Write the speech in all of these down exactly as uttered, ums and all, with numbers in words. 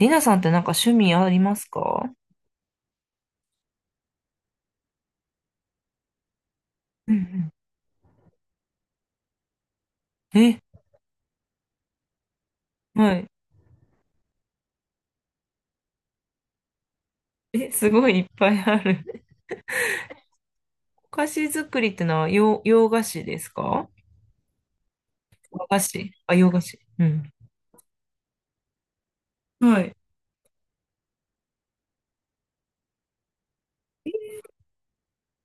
りなさんってなんか趣味ありますか？うんうん。え、はい。え、すごいいっぱいある。お菓子作りってのは洋、洋菓子ですか？和菓子、あ、洋菓子。うん。はい。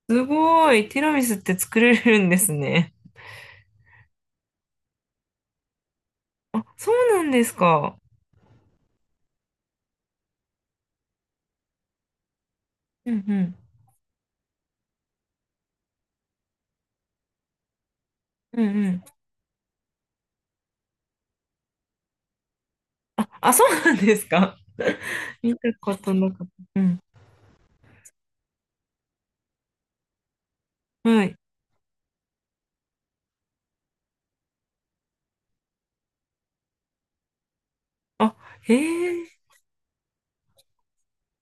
すごい。ティラミスって作れるんですね。あ、そうなんですか。うんうん。うんうん。あ、そうなんですか。見たことなかった。うん。はい。あ、へえ。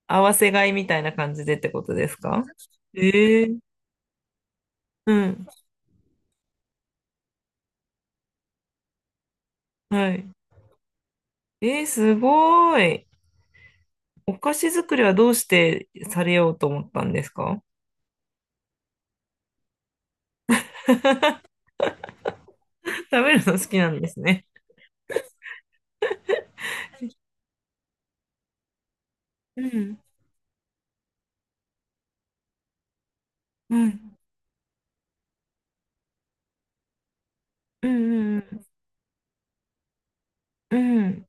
合わせ買いみたいな感じでってことですか？ええ。うん。はい。えー、すごい。お菓子作りはどうしてされようと思ったんですか？ 食べるの好きなんですね。うん。うん。うん。うん。うん。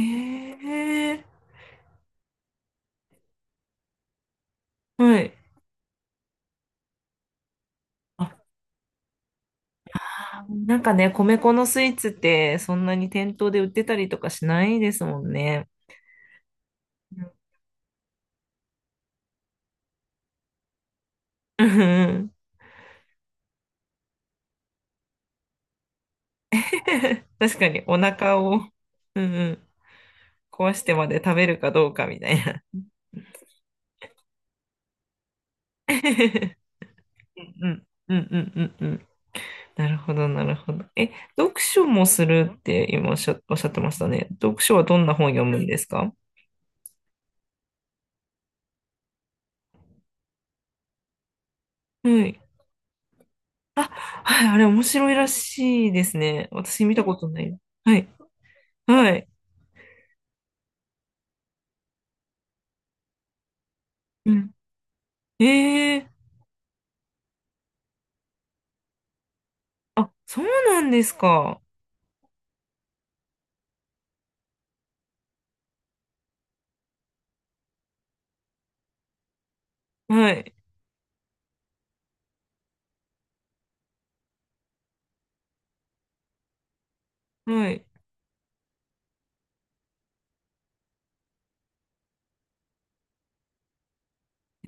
えー、はい。あ、なんかね、米粉のスイーツってそんなに店頭で売ってたりとかしないですもんね。うんうん。 確かにお腹を、うんうん、壊してまで食べるかどうかみたいな。うんうんうんうんうんうん。なるほど、なるほど。え、読書もするって今おっしゃ、おっしゃってましたね。読書はどんな本を読むんですか？はい。はい、あれ面白いらしいですね。私見たことない。はい。はい。うん。ええ、あ、そうなんですか。はい。はい。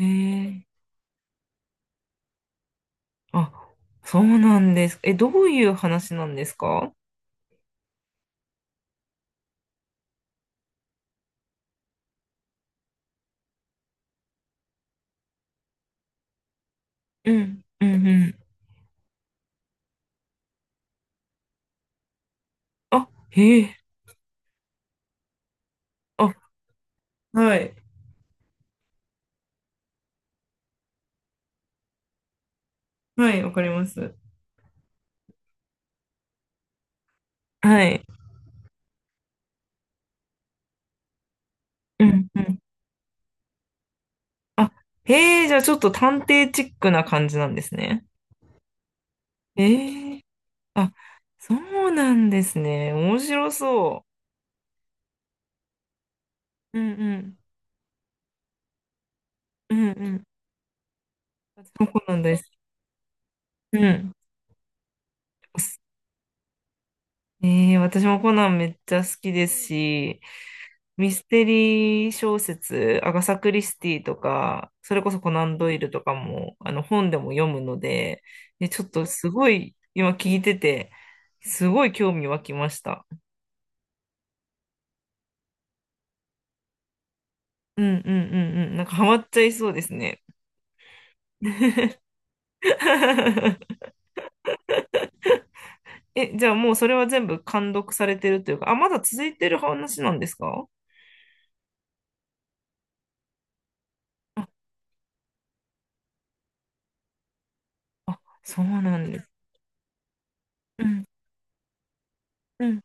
ええ、あ、そうなんです。え、どういう話なんですか？うん。うん、うん。あ、へえ。あ、はい。はい、わかります。はい。うん。あ、へえ、じゃあちょっと探偵チックな感じなんですね。ええ、あ、そうなんですね。面白そう。うんうん。うんうん。私もコナン大好き。うん。ええ、私もコナンめっちゃ好きですし、ミステリー小説、アガサ・クリスティとか、それこそコナンドイルとかも、あの本でも読むので、で、ちょっとすごい、今聞いてて、すごい興味湧きました。うんうんうんうん。なんかハマっちゃいそうですね。え、じゃあもうそれは全部完読されてるというか、あ、まだ続いてる話なんですか？あ、あ、そうなんです。うん、うん。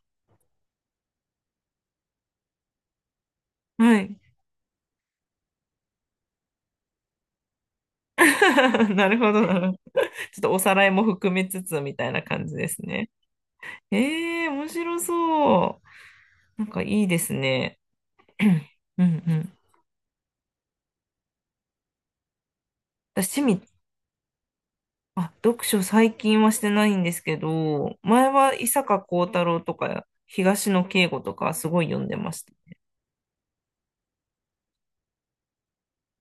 はい。なるほど、なるほど。ちょっとおさらいも含めつつみたいな感じですね。えー、面白そう。なんかいいですね。うんうん。私、趣味、あ、読書最近はしてないんですけど、前は伊坂幸太郎とか東野圭吾とかすごい読んでました。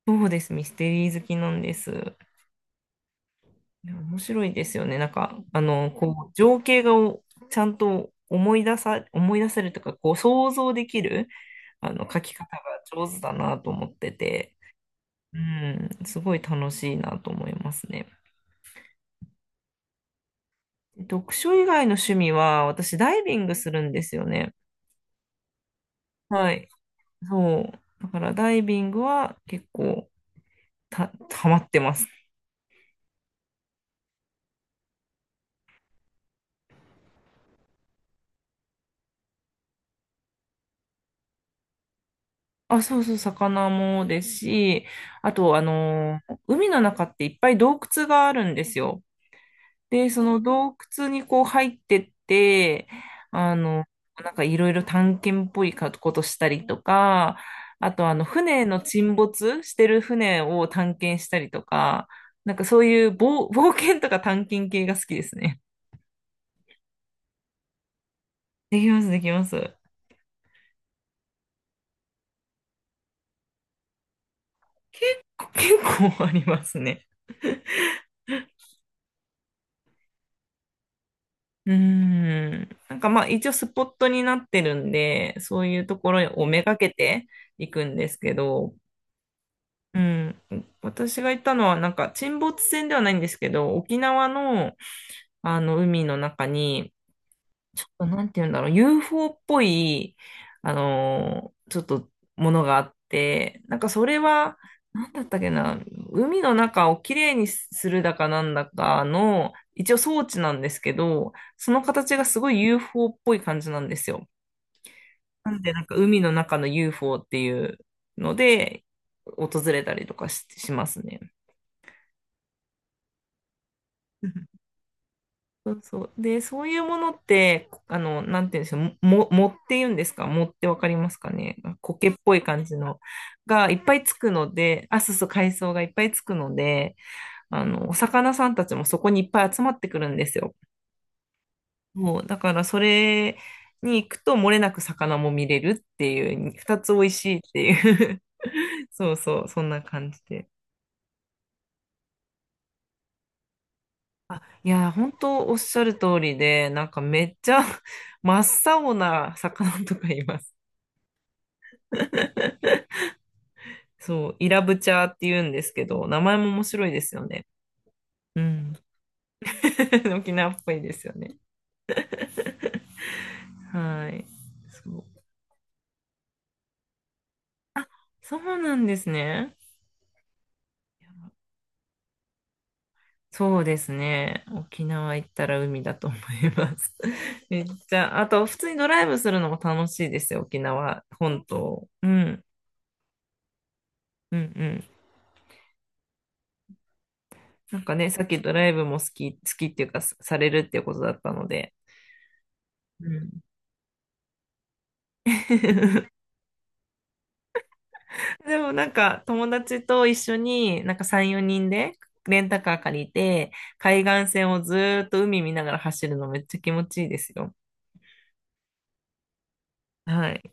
そうです、ミステリー好きなんです。いや面白いですよね。なんか、あの、こう、情景がおちゃんと思い出さ、思い出せるとか、こう、想像できる、あの、書き方が上手だなと思ってて、うん、すごい楽しいなと思いますね。読書以外の趣味は、私、ダイビングするんですよね。はい。そう。だからダイビングは結構た、ハマってます。あ、そうそう、魚もですし、あと、あのー海の中っていっぱい洞窟があるんですよ。で、その洞窟にこう入ってって、あの、なんかいろいろ探検っぽいことしたりとか、あと、あの、船の沈没してる船を探検したりとか、なんかそういう冒、冒険とか探検系が好きですね。できます、できます。結構、結構ありますね。うーん。なんかまあ一応スポットになってるんで、そういうところをめがけていくんですけど、うん。私が行ったのはなんか沈没船ではないんですけど、沖縄のあの海の中にちょっとなんて言うんだろう、ユーフォー っぽい、あのーちょっとものがあって、なんかそれは、なんだったっけな、海の中をきれいにするだかなんだかの、一応装置なんですけど、その形がすごい ユーフォー っぽい感じなんですよ。なんで、なんか海の中の ユーフォー っていうので、訪れたりとかし、しますね。そうそう。で、そういうものって、あの、なんて言うんでしょう、も、もって言うんですか、もってわかりますかね？苔っぽい感じのがいっぱいつくので、あ、そうそう、海藻がいっぱいつくので、あの、お魚さんたちもそこにいっぱい集まってくるんですよ。もう、だからそれに行くと漏れなく魚も見れるっていう、二つ美味しいっていう。 そうそう、そんな感じで。あ、いや、本当おっしゃる通りで、なんかめっちゃ真っ青な魚とかいます。そう、イラブチャーって言うんですけど、名前も面白いですよね。うん。沖縄っぽいですよね。はい。そう。そうなんですね。そうですね。沖縄行ったら海だと思います。めっちゃ、あと、普通にドライブするのも楽しいですよ、沖縄本島。うん、うん、うん。なんかね、さっきドライブも好き、好きっていうか、さされるっていうことだったので。うん。でもなんか友達と一緒になんかさん、よにんでレンタカー借りて海岸線をずーっと海見ながら走るのめっちゃ気持ちいいですよ。はい。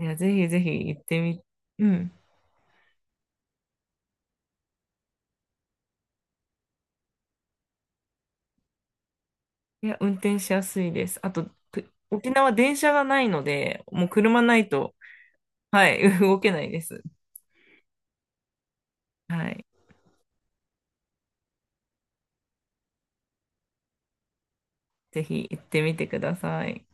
いや、ぜひぜひ行ってみ、うん。いや、運転しやすいです。あと、く沖縄電車がないので、もう車ないと、はい、動けないです。はい。ぜひ行ってみてください。